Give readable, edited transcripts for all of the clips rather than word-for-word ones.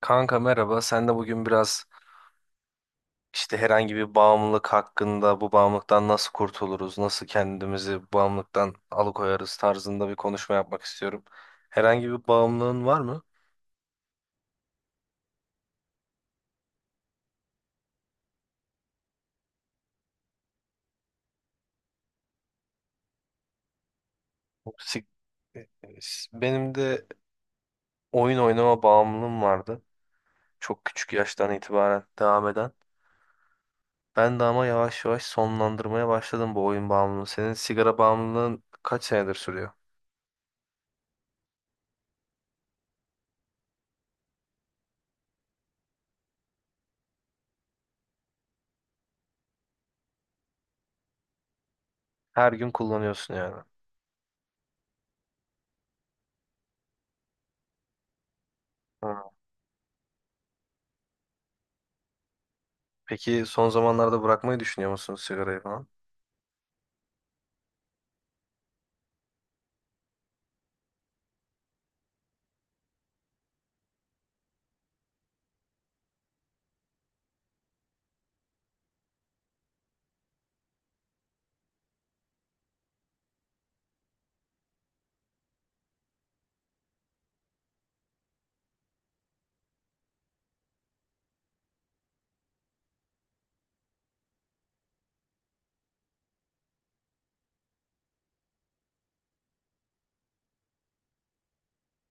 Kanka merhaba. Sen de bugün biraz herhangi bir bağımlılık hakkında bu bağımlılıktan nasıl kurtuluruz, nasıl kendimizi bağımlılıktan alıkoyarız tarzında bir konuşma yapmak istiyorum. Herhangi bir bağımlılığın var mı? Sik- Benim de oyun oynama bağımlılığım vardı. Çok küçük yaştan itibaren devam eden. Ben de ama yavaş yavaş sonlandırmaya başladım bu oyun bağımlılığını. Senin sigara bağımlılığın kaç senedir sürüyor? Her gün kullanıyorsun yani. Ha. Peki son zamanlarda bırakmayı düşünüyor musun sigarayı falan?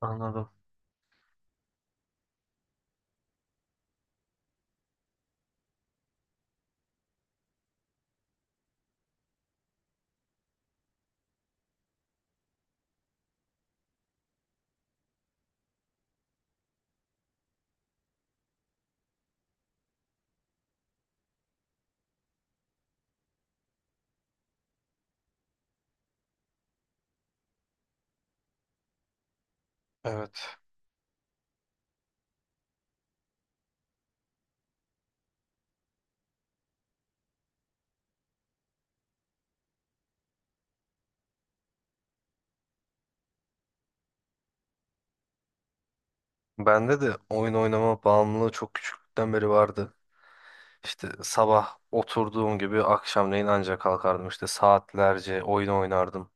Anladım. Evet. Bende de oyun oynama bağımlılığı çok küçüklükten beri vardı. İşte sabah oturduğum gibi akşamleyin ancak kalkardım. İşte saatlerce oyun oynardım.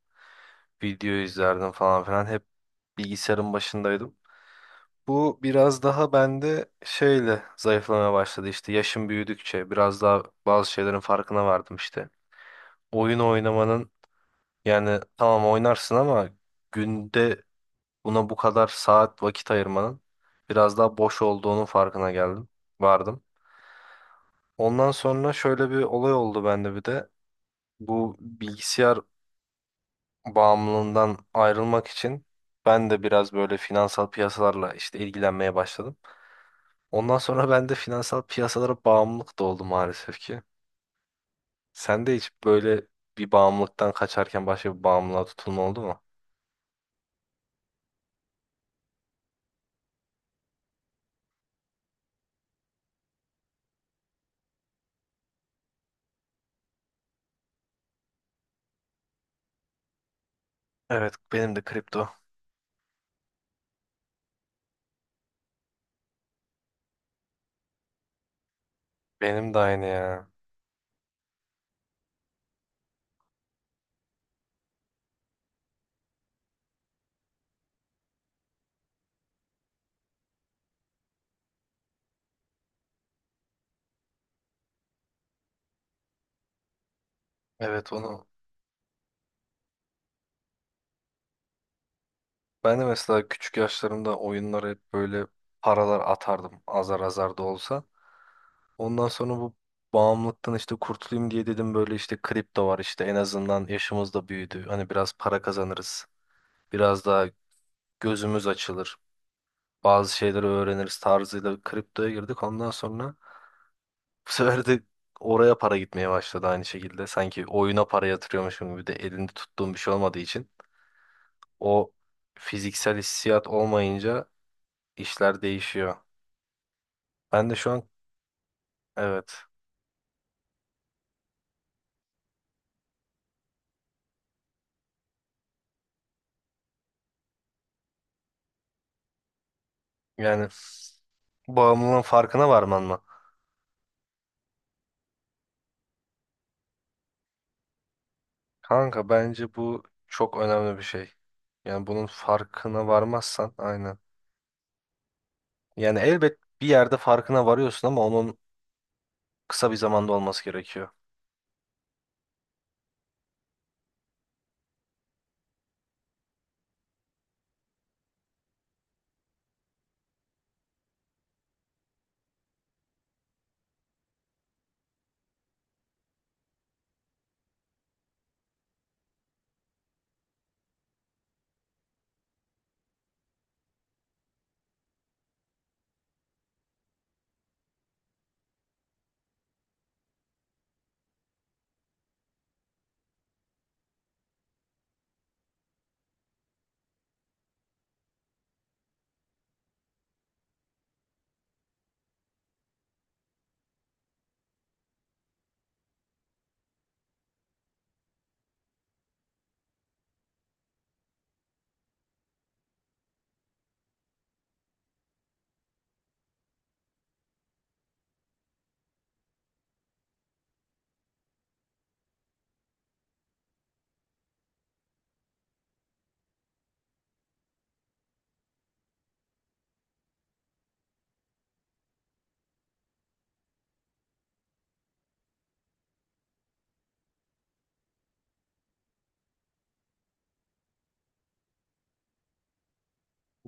Video izlerdim falan filan. Hep bilgisayarın başındaydım. Bu biraz daha bende şeyle zayıflamaya başladı. İşte yaşım büyüdükçe biraz daha bazı şeylerin farkına vardım işte. Oyun oynamanın, yani tamam oynarsın ama günde buna bu kadar saat vakit ayırmanın biraz daha boş olduğunun farkına geldim. Vardım. Ondan sonra şöyle bir olay oldu bende bir de. Bu bilgisayar bağımlılığından ayrılmak için ben de biraz böyle finansal piyasalarla işte ilgilenmeye başladım. Ondan sonra ben de finansal piyasalara bağımlılık da oldu maalesef ki. Sen de hiç böyle bir bağımlılıktan kaçarken başka bir bağımlılığa tutulma oldu mu? Evet, benim de kripto. Benim de aynı ya. Evet onu. Ben de mesela küçük yaşlarımda oyunlara hep böyle paralar atardım azar azar da olsa. Ondan sonra bu bağımlılıktan işte kurtulayım diye dedim böyle işte kripto var, işte en azından yaşımız da büyüdü. Hani biraz para kazanırız. Biraz daha gözümüz açılır. Bazı şeyleri öğreniriz tarzıyla kriptoya girdik. Ondan sonra bu sefer de oraya para gitmeye başladı aynı şekilde. Sanki oyuna para yatırıyormuşum gibi de elinde tuttuğum bir şey olmadığı için. O fiziksel hissiyat olmayınca işler değişiyor. Ben de şu an, evet, yani bağımlılığın farkına varman mı? Kanka bence bu çok önemli bir şey. Yani bunun farkına varmazsan aynen. Yani elbet bir yerde farkına varıyorsun ama onun kısa bir zamanda olması gerekiyor.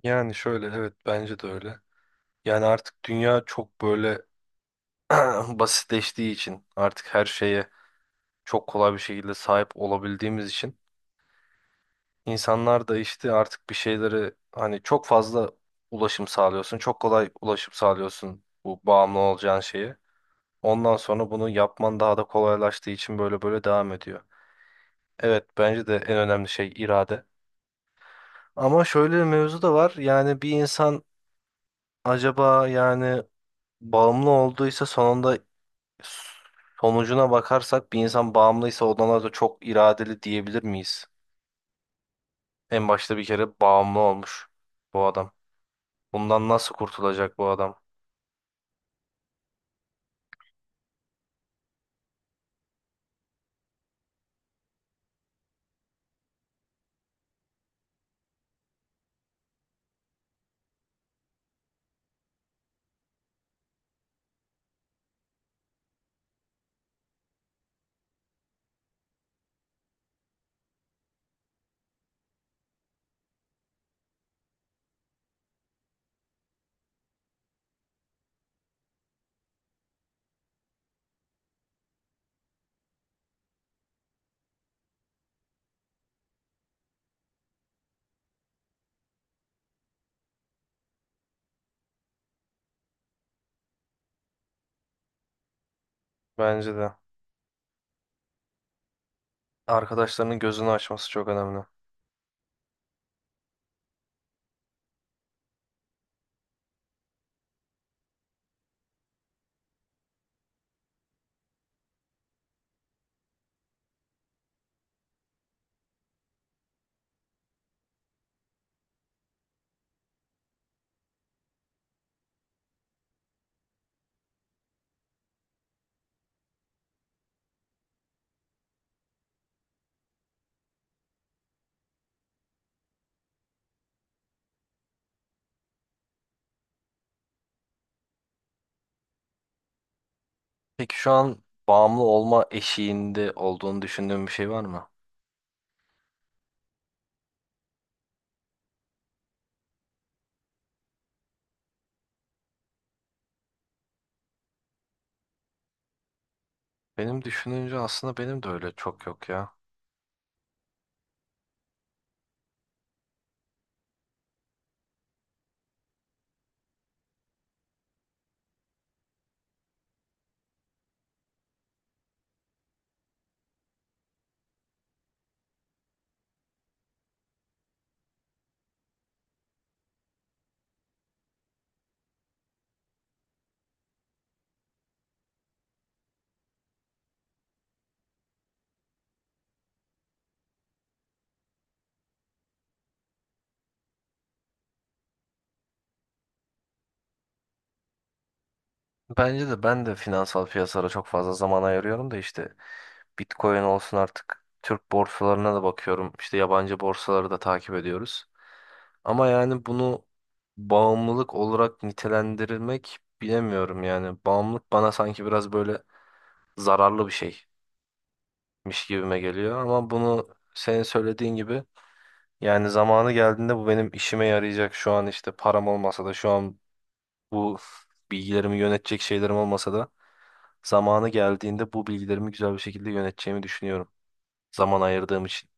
Yani şöyle, evet, bence de öyle. Yani artık dünya çok böyle basitleştiği için, artık her şeye çok kolay bir şekilde sahip olabildiğimiz için, İnsanlar da işte artık bir şeyleri, hani, çok fazla ulaşım sağlıyorsun. Çok kolay ulaşım sağlıyorsun bu bağımlı olacağın şeye. Ondan sonra bunu yapman daha da kolaylaştığı için böyle böyle devam ediyor. Evet bence de en önemli şey irade. Ama şöyle bir mevzu da var. Yani bir insan acaba, yani, bağımlı olduysa sonunda, sonucuna bakarsak, bir insan bağımlıysa ondan da çok iradeli diyebilir miyiz? En başta bir kere bağımlı olmuş bu adam. Bundan nasıl kurtulacak bu adam? Bence de. Arkadaşlarının gözünü açması çok önemli. Peki şu an bağımlı olma eşiğinde olduğunu düşündüğün bir şey var mı? Benim düşününce aslında benim de öyle çok yok ya. Bence de ben de finansal piyasalara çok fazla zaman ayırıyorum da, işte Bitcoin olsun, artık Türk borsalarına da bakıyorum. İşte yabancı borsaları da takip ediyoruz. Ama yani bunu bağımlılık olarak nitelendirilmek bilemiyorum yani. Bağımlılık bana sanki biraz böyle zararlı bir şey. Miş gibime geliyor ama bunu senin söylediğin gibi, yani zamanı geldiğinde bu benim işime yarayacak, şu an işte param olmasa da, şu an bu bilgilerimi yönetecek şeylerim olmasa da, zamanı geldiğinde bu bilgilerimi güzel bir şekilde yöneteceğimi düşünüyorum. Zaman ayırdığım için.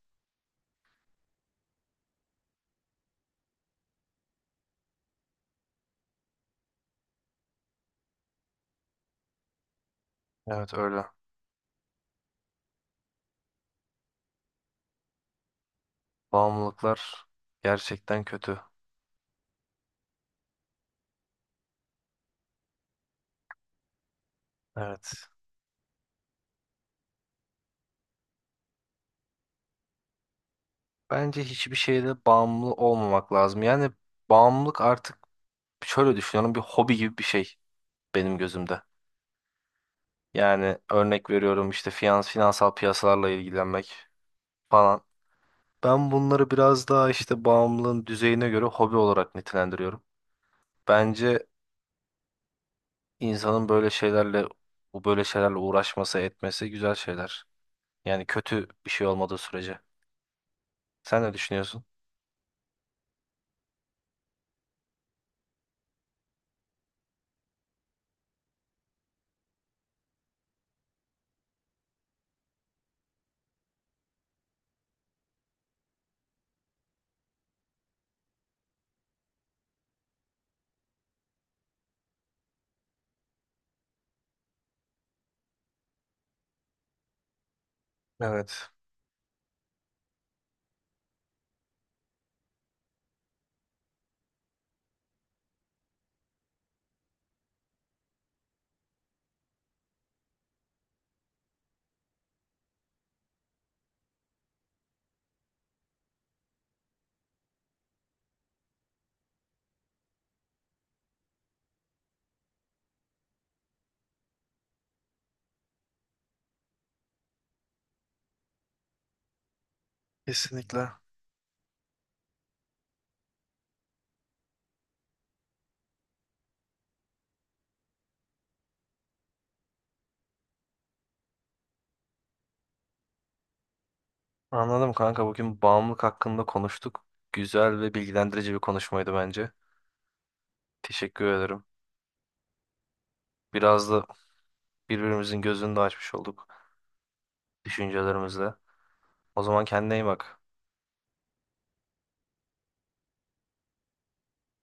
Evet öyle. Bağımlılıklar gerçekten kötü. Evet. Bence hiçbir şeyde bağımlı olmamak lazım. Yani bağımlılık artık, şöyle düşünüyorum, bir hobi gibi bir şey benim gözümde. Yani örnek veriyorum, işte finans, finansal piyasalarla ilgilenmek falan. Ben bunları biraz daha işte bağımlılığın düzeyine göre hobi olarak nitelendiriyorum. Bence insanın böyle şeylerle, bu böyle şeylerle uğraşması, etmesi güzel şeyler. Yani kötü bir şey olmadığı sürece. Sen ne düşünüyorsun? Evet, kesinlikle. Anladım kanka. Bugün bağımlılık hakkında konuştuk. Güzel ve bilgilendirici bir konuşmaydı bence. Teşekkür ederim. Biraz da birbirimizin gözünü de açmış olduk düşüncelerimizle. O zaman kendine iyi bak.